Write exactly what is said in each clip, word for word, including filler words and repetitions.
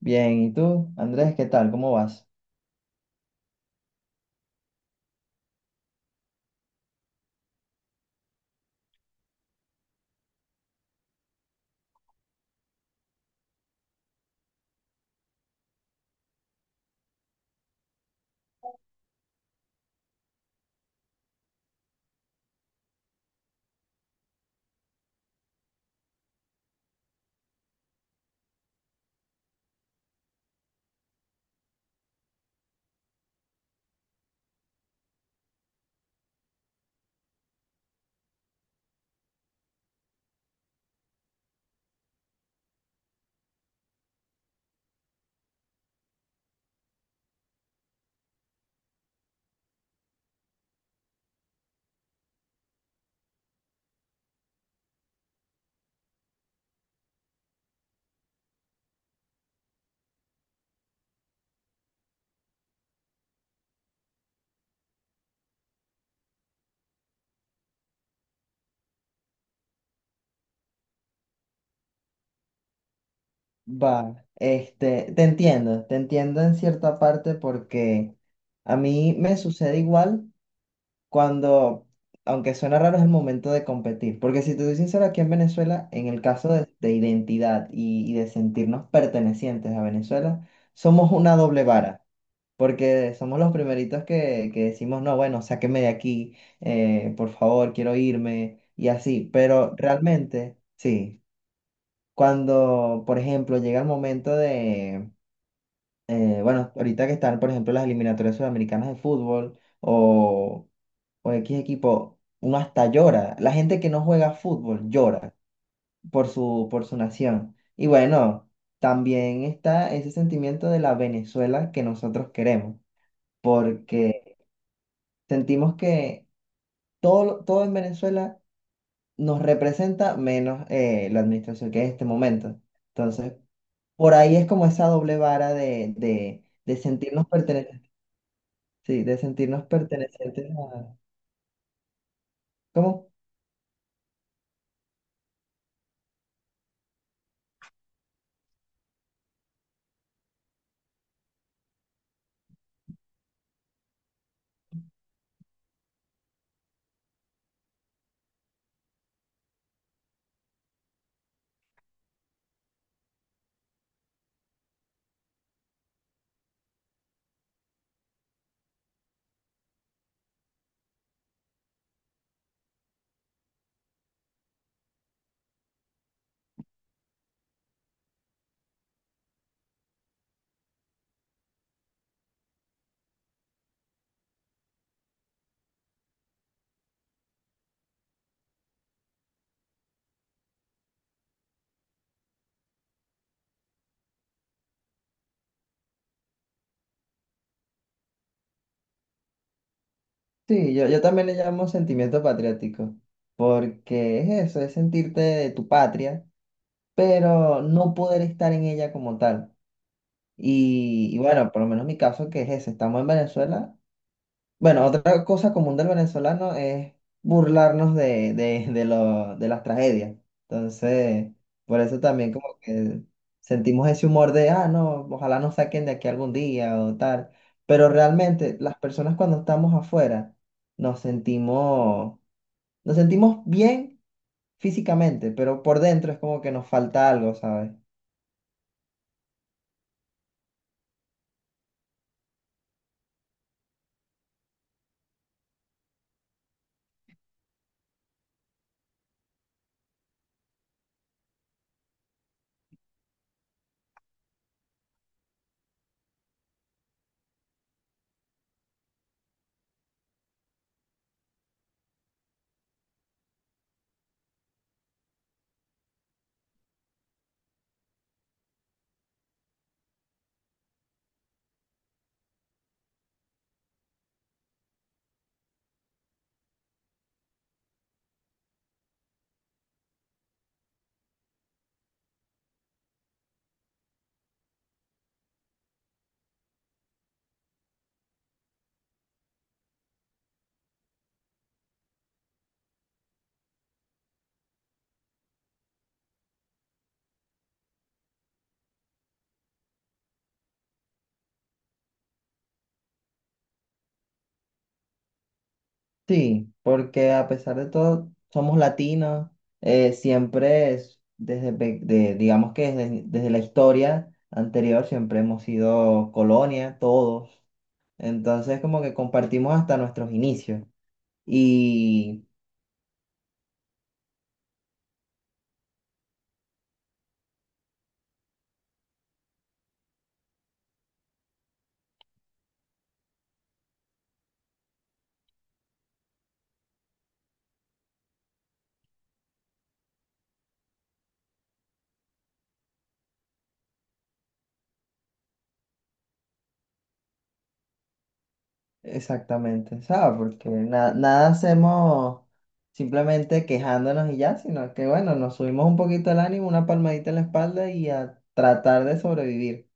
Bien, ¿y tú, Andrés, qué tal? ¿Cómo vas? Va, este, te entiendo, te entiendo en cierta parte porque a mí me sucede igual cuando, aunque suena raro, es el momento de competir. Porque si te soy sincero, aquí en Venezuela, en el caso de, de identidad y, y de sentirnos pertenecientes a Venezuela, somos una doble vara. Porque somos los primeritos que, que decimos, no, bueno, sáqueme de aquí, eh, por favor, quiero irme, y así. Pero realmente, sí. Cuando, por ejemplo, llega el momento de, eh, bueno, ahorita que están, por ejemplo, las eliminatorias sudamericanas de fútbol o, o X equipo, uno hasta llora. La gente que no juega fútbol llora por su, por su nación. Y bueno, también está ese sentimiento de la Venezuela que nosotros queremos, porque sentimos que todo, lo- todo en Venezuela nos representa menos eh, la administración que es en este momento. Entonces, por ahí es como esa doble vara de, de, de sentirnos pertenecientes. Sí, de sentirnos pertenecientes a... ¿Cómo? Sí, yo, yo también le llamo sentimiento patriótico, porque es eso, es sentirte de tu patria, pero no poder estar en ella como tal. Y, y bueno, por lo menos mi caso que es ese, estamos en Venezuela. Bueno, otra cosa común del venezolano es burlarnos de, de, de, lo- de las tragedias. Entonces, por eso también como que sentimos ese humor de, ah, no, ojalá nos saquen de aquí algún día o tal. Pero realmente las personas cuando estamos afuera nos sentimos, nos sentimos bien físicamente, pero por dentro es como que nos falta algo, ¿sabes? Sí, porque a pesar de todo, somos latinos, eh, siempre es desde, pe- de- digamos que desde, desde la historia anterior siempre hemos sido colonia, todos. Entonces como que compartimos hasta nuestros inicios. Y exactamente, ¿sabes? Porque na- nada hacemos simplemente quejándonos y ya, sino que bueno, nos subimos un poquito el ánimo, una palmadita en la espalda y a tratar de sobrevivir.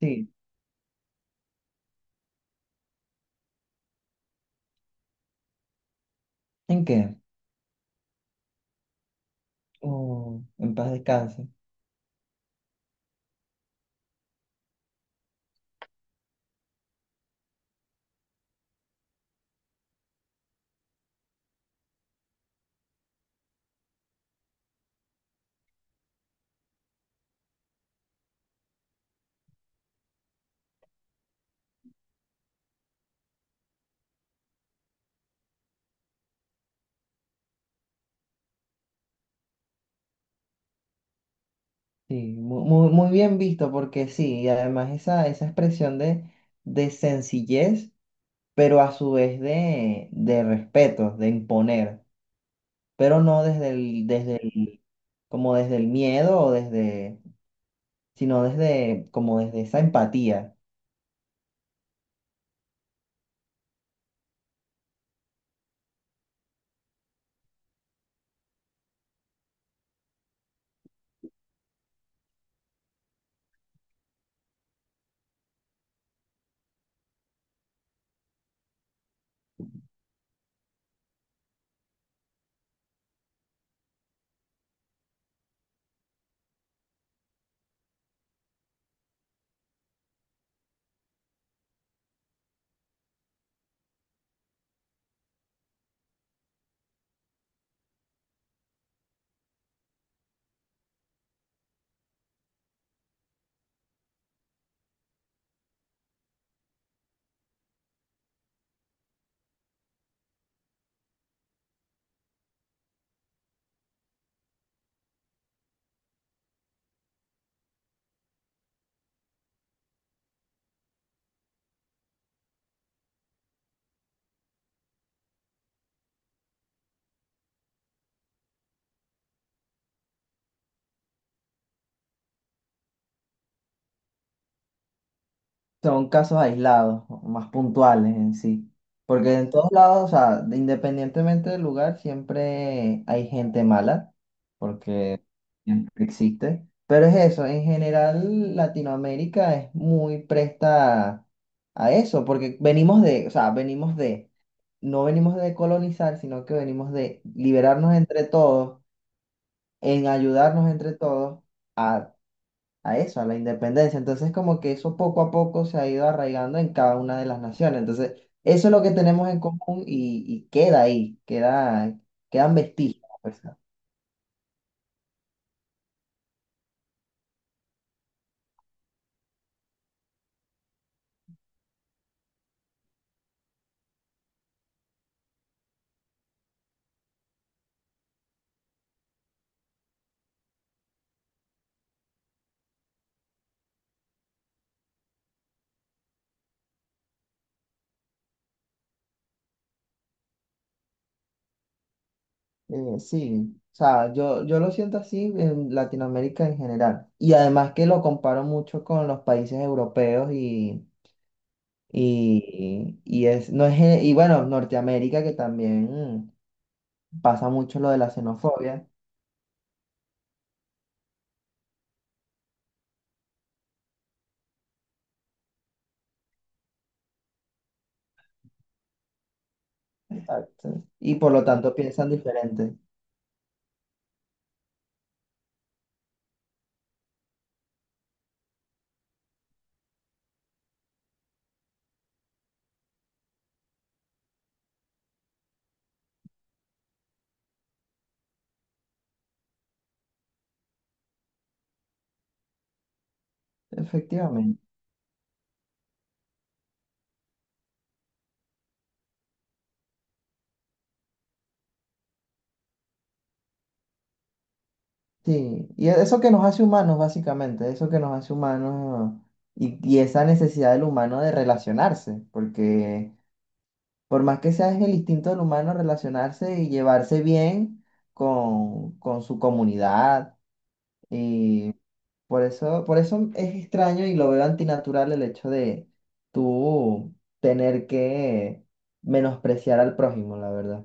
Sí, ¿en qué? Oh, en paz descanse. Sí, mu- muy, muy bien visto porque sí, y además esa, esa expresión de, de sencillez, pero a su vez de, de respeto, de imponer, pero no desde el, desde el, como desde el miedo o desde, sino desde, como desde esa empatía. Son casos aislados, más puntuales en sí. Porque en todos lados, o sea, de- independientemente del lugar, siempre hay gente mala, porque siempre existe. Pero es eso, en general Latinoamérica es muy presta a eso, porque venimos de, o sea, venimos de, no venimos de colonizar, sino que venimos de liberarnos entre todos, en ayudarnos entre todos a a eso, a la independencia. Entonces, como que eso poco a poco se ha ido arraigando en cada una de las naciones. Entonces, eso es lo que tenemos en común y, y queda ahí, queda, quedan vestigios, pues. Eh, sí, o sea, yo, yo lo siento así en Latinoamérica en general. Y además que lo comparo mucho con los países europeos y, y, y es, no es, ge- y bueno, Norteamérica que también mm, pasa mucho lo de la xenofobia. Exacto. Y por lo tanto piensan diferente. Efectivamente. Sí, y e, eso que nos hace humanos, básicamente, eso que nos hace humanos y, y esa necesidad del humano de relacionarse, porque por más que sea es el instinto del humano relacionarse y llevarse bien con, con su comunidad, y por eso, por eso es extraño y lo veo antinatural el hecho de tú tener que menospreciar al prójimo, la verdad.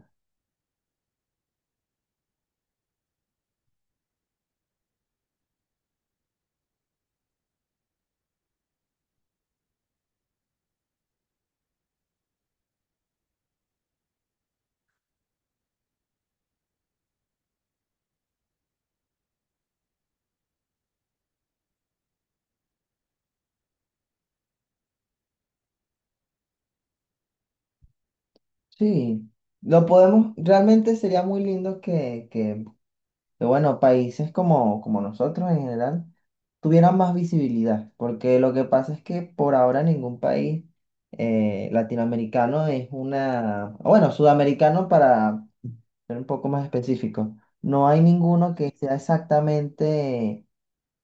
Sí, lo podemos, realmente sería muy lindo que, que que bueno, países como, como nosotros en general tuvieran más visibilidad, porque lo que pasa es que por ahora ningún país eh, latinoamericano es una, o bueno, sudamericano para ser un poco más específico, no hay ninguno que sea exactamente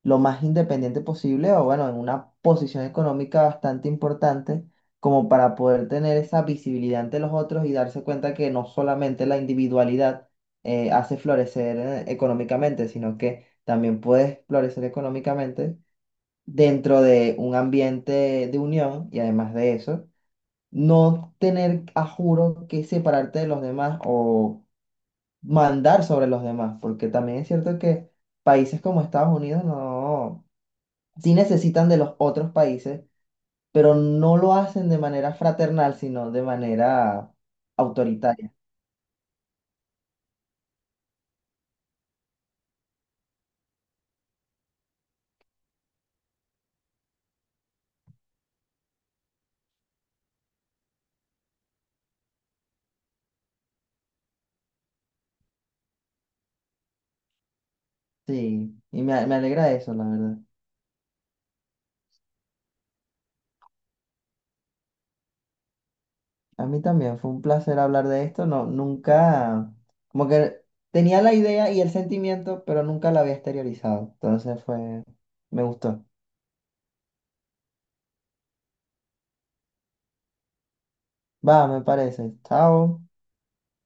lo más independiente posible o bueno, en una posición económica bastante importante como para poder tener esa visibilidad ante los otros y darse cuenta que no solamente la individualidad eh, hace florecer eh, económicamente, sino que también puedes florecer económicamente dentro de un ambiente de unión y además de eso, no tener a juro que separarte de los demás o mandar sobre los demás, porque también es cierto que países como Estados Unidos no sí necesitan de los otros países, pero no lo hacen de manera fraternal, sino de manera autoritaria. Sí, y me, me alegra eso, la verdad. A mí también fue un placer hablar de esto. No, nunca, como que tenía la idea y el sentimiento, pero nunca la había exteriorizado. Entonces fue, me gustó. Va, me parece. Chao.